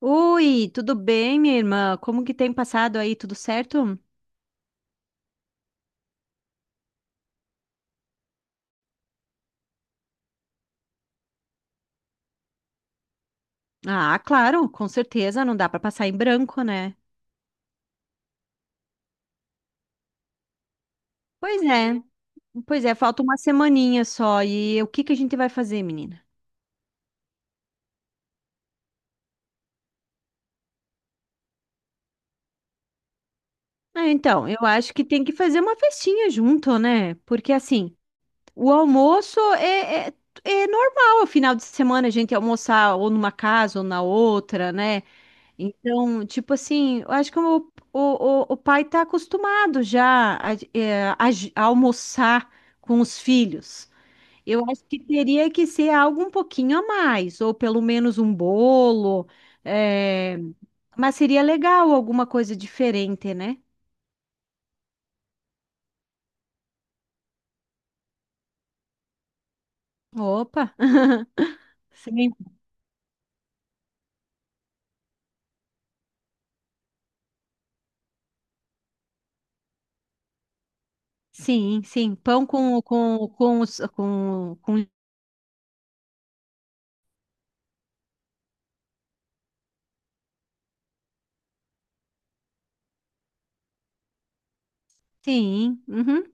Oi, tudo bem, minha irmã? Como que tem passado aí? Tudo certo? Ah, claro, com certeza, não dá para passar em branco, né? Pois é, pois é, falta uma semaninha só. E o que que a gente vai fazer, menina? Ah, então, eu acho que tem que fazer uma festinha junto, né? Porque assim, o almoço é normal, o final de semana a gente almoçar ou numa casa ou na outra, né? Então, tipo assim, eu acho que o, o pai está acostumado já a, a a almoçar com os filhos. Eu acho que teria que ser algo um pouquinho a mais, ou pelo menos um bolo, é, mas seria legal alguma coisa diferente, né? Opa! Sim, sim, sim. Pão com... Sim, uhum.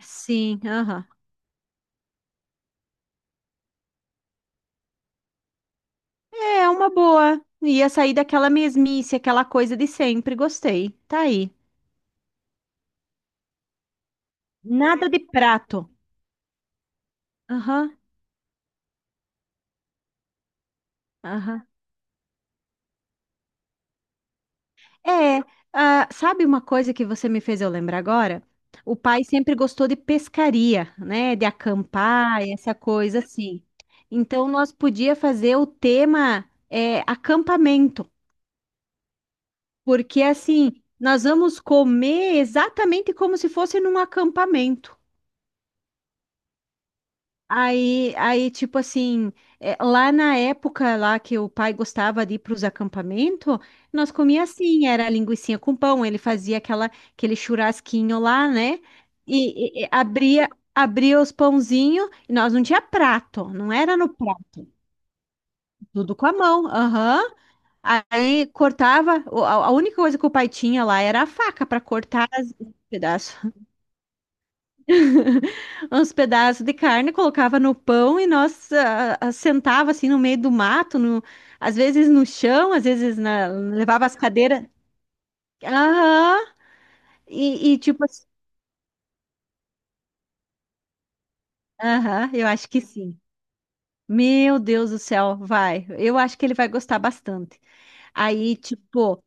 Sim, aham. É uma boa. Ia sair daquela mesmice, aquela coisa de sempre. Gostei. Tá aí. Nada de prato. Aham, aham. É, ah, sabe uma coisa que você me fez eu lembrar agora? O pai sempre gostou de pescaria, né? De acampar, essa coisa assim. Então, nós podia fazer o tema acampamento, porque assim, nós vamos comer exatamente como se fosse num acampamento. Aí, tipo assim, lá na época lá que o pai gostava de ir para os acampamentos, nós comia assim, era linguicinha com pão, ele fazia aquela, aquele churrasquinho lá, né? E abria, abria os pãozinhos, e nós não tinha prato, não era no prato, tudo com a mão, aham. Aí cortava, a única coisa que o pai tinha lá era a faca para cortar os pedaços. Uns pedaços de carne, colocava no pão e nós ah, ah, sentava assim no meio do mato, às vezes no chão, levava as cadeiras. Aham, e tipo assim, aham, eu acho que sim. Meu Deus do céu, vai. Eu acho que ele vai gostar bastante. Aí, tipo,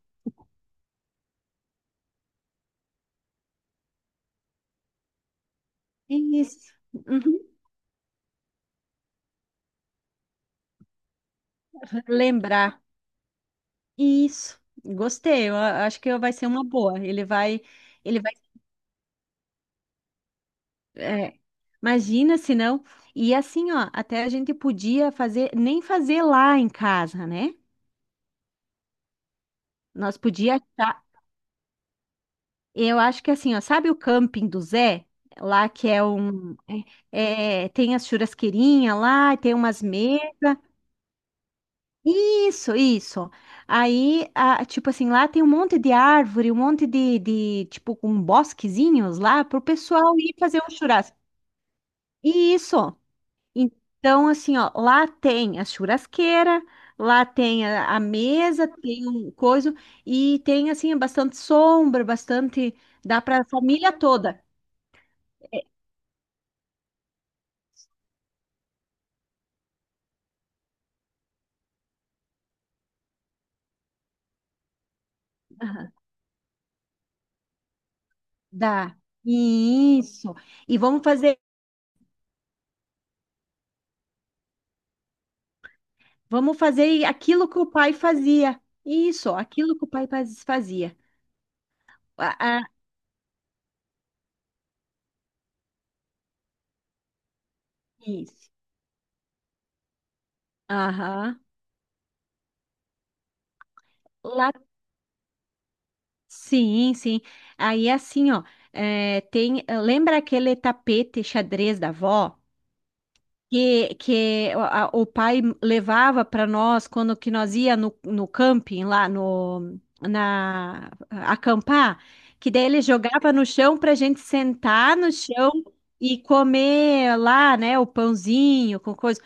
isso. Uhum, lembrar. Isso. Gostei. Eu acho que vai ser uma boa. Ele vai. Ele é, imagina se não. E assim, ó, até a gente podia fazer, nem fazer lá em casa, né? Nós podia achar, eu acho que assim, ó, sabe o camping do Zé? Lá que tem as churrasqueirinhas lá, tem umas mesas. Isso, isso. Aí, tipo assim, lá tem um monte de árvore, um monte de tipo, com bosquezinhos lá para o pessoal ir fazer um churrasco. Isso. Então, assim, ó, lá tem a churrasqueira, lá tem a mesa, tem um coisa, e tem, assim, bastante sombra, bastante. Dá para a família toda. É, dá. Isso. E vamos fazer aquilo que o pai fazia. Isso, aquilo que o pai fazia. Ah, ah, isso. Aham. Lá, sim, sim. Aí, assim, ó, é, tem. Lembra aquele tapete xadrez da avó? Que o pai levava para nós quando que nós ia no camping lá no na acampar, que daí ele jogava no chão para a gente sentar no chão e comer lá, né, o pãozinho com coisa.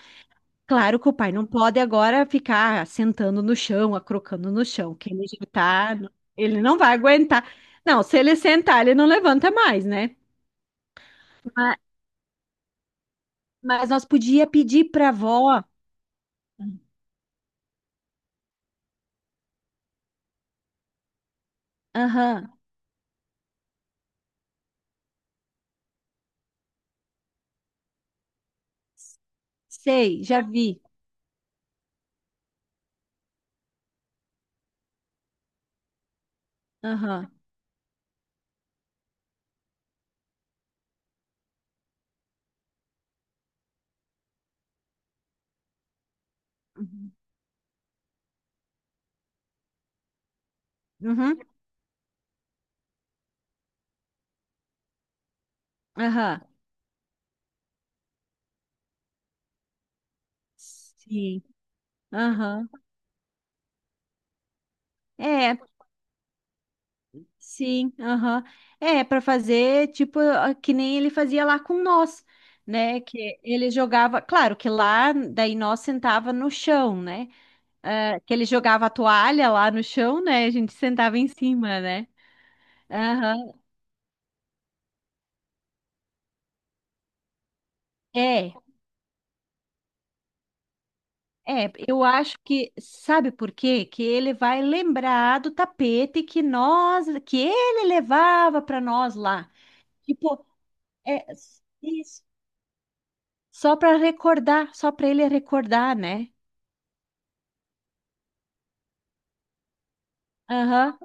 Claro que o pai não pode agora ficar sentando no chão, acrocando no chão, que ele já tá, ele não vai aguentar. Não, se ele sentar, ele não levanta mais, né? Ma- mas, nós podia pedir para a avó. Aham. Sei, já vi. Aham. Uhum. Uhum. Aham. Sim. Aham. É, sim. Aham. É, para fazer tipo ah, que nem ele fazia lá com nós, né? Que ele jogava, claro que lá daí nós sentava no chão, né? Ah, que ele jogava a toalha lá no chão, né? A gente sentava em cima, né? Aham. É. É, eu acho que, sabe por quê? Que ele vai lembrar do tapete que nós, que ele levava para nós lá. Tipo, é isso. Só para recordar, só para ele recordar, né? Aham.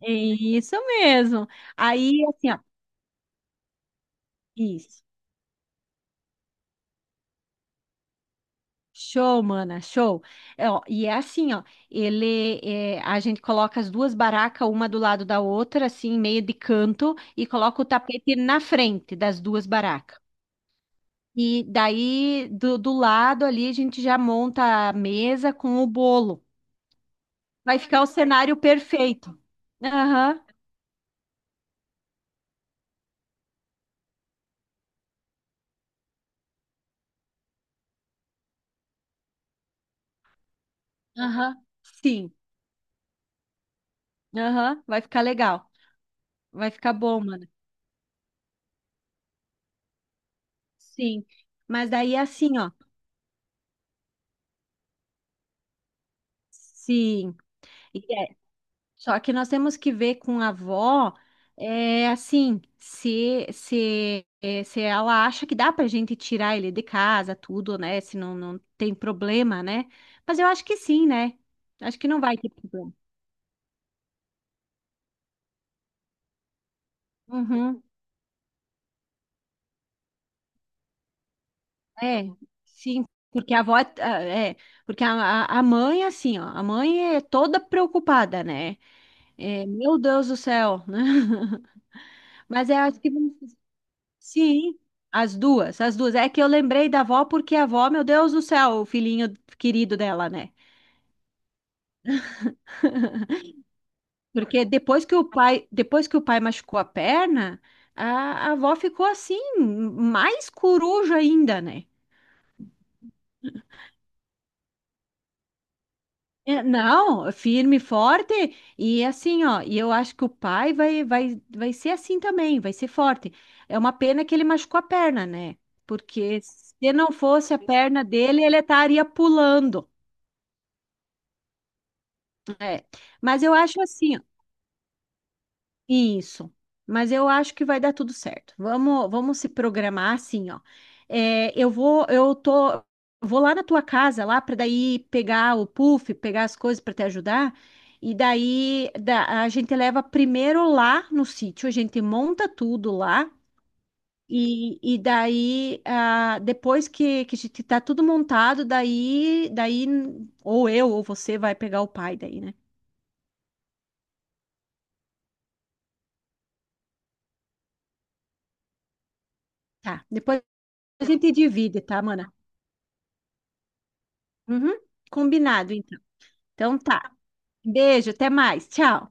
É isso mesmo. Aí, assim, ó, isso. Show, mana, show. É, ó, e é assim, ó, ele, é, a gente coloca as duas barracas, uma do lado da outra, assim, meio de canto, e coloca o tapete na frente das duas barracas. E daí, do lado ali, a gente já monta a mesa com o bolo. Vai ficar o cenário perfeito. Aham, aham, sim. Aham, vai ficar legal. Vai ficar bom, mano. Sim. Mas daí, assim, ó. Sim. Só que nós temos que ver com a avó, é, assim, se, é, se ela acha que dá pra gente tirar ele de casa, tudo, né? Se não, não tem problema, né? Mas eu acho que sim, né? Acho que não vai ter problema. Uhum. É, sim, porque a avó, é, porque a mãe, assim, ó, a mãe é toda preocupada, né? É, meu Deus do céu, né? Mas eu acho que sim, as duas, as duas. É que eu lembrei da avó porque a avó, meu Deus do céu, o filhinho querido dela, né? Porque depois que o pai, depois que o pai machucou a perna, a avó ficou assim, mais coruja ainda, né? É, não, firme e forte e assim, ó. E eu acho que o pai vai ser assim também, vai ser forte. É uma pena que ele machucou a perna, né? Porque se não fosse a perna dele, ele estaria pulando. É. Mas eu acho assim, isso, mas eu acho que vai dar tudo certo. Vamos se programar assim, ó. É, eu vou, eu tô, vou lá na tua casa lá para daí pegar o puff, pegar as coisas para te ajudar. E daí a gente leva primeiro lá no sítio, a gente monta tudo lá. E daí, ah, depois que a gente tá tudo montado, daí, ou eu ou você vai pegar o pai daí, né? Tá. Depois a gente divide, tá, mana? Uhum, combinado, então. Então tá. Beijo, até mais. Tchau.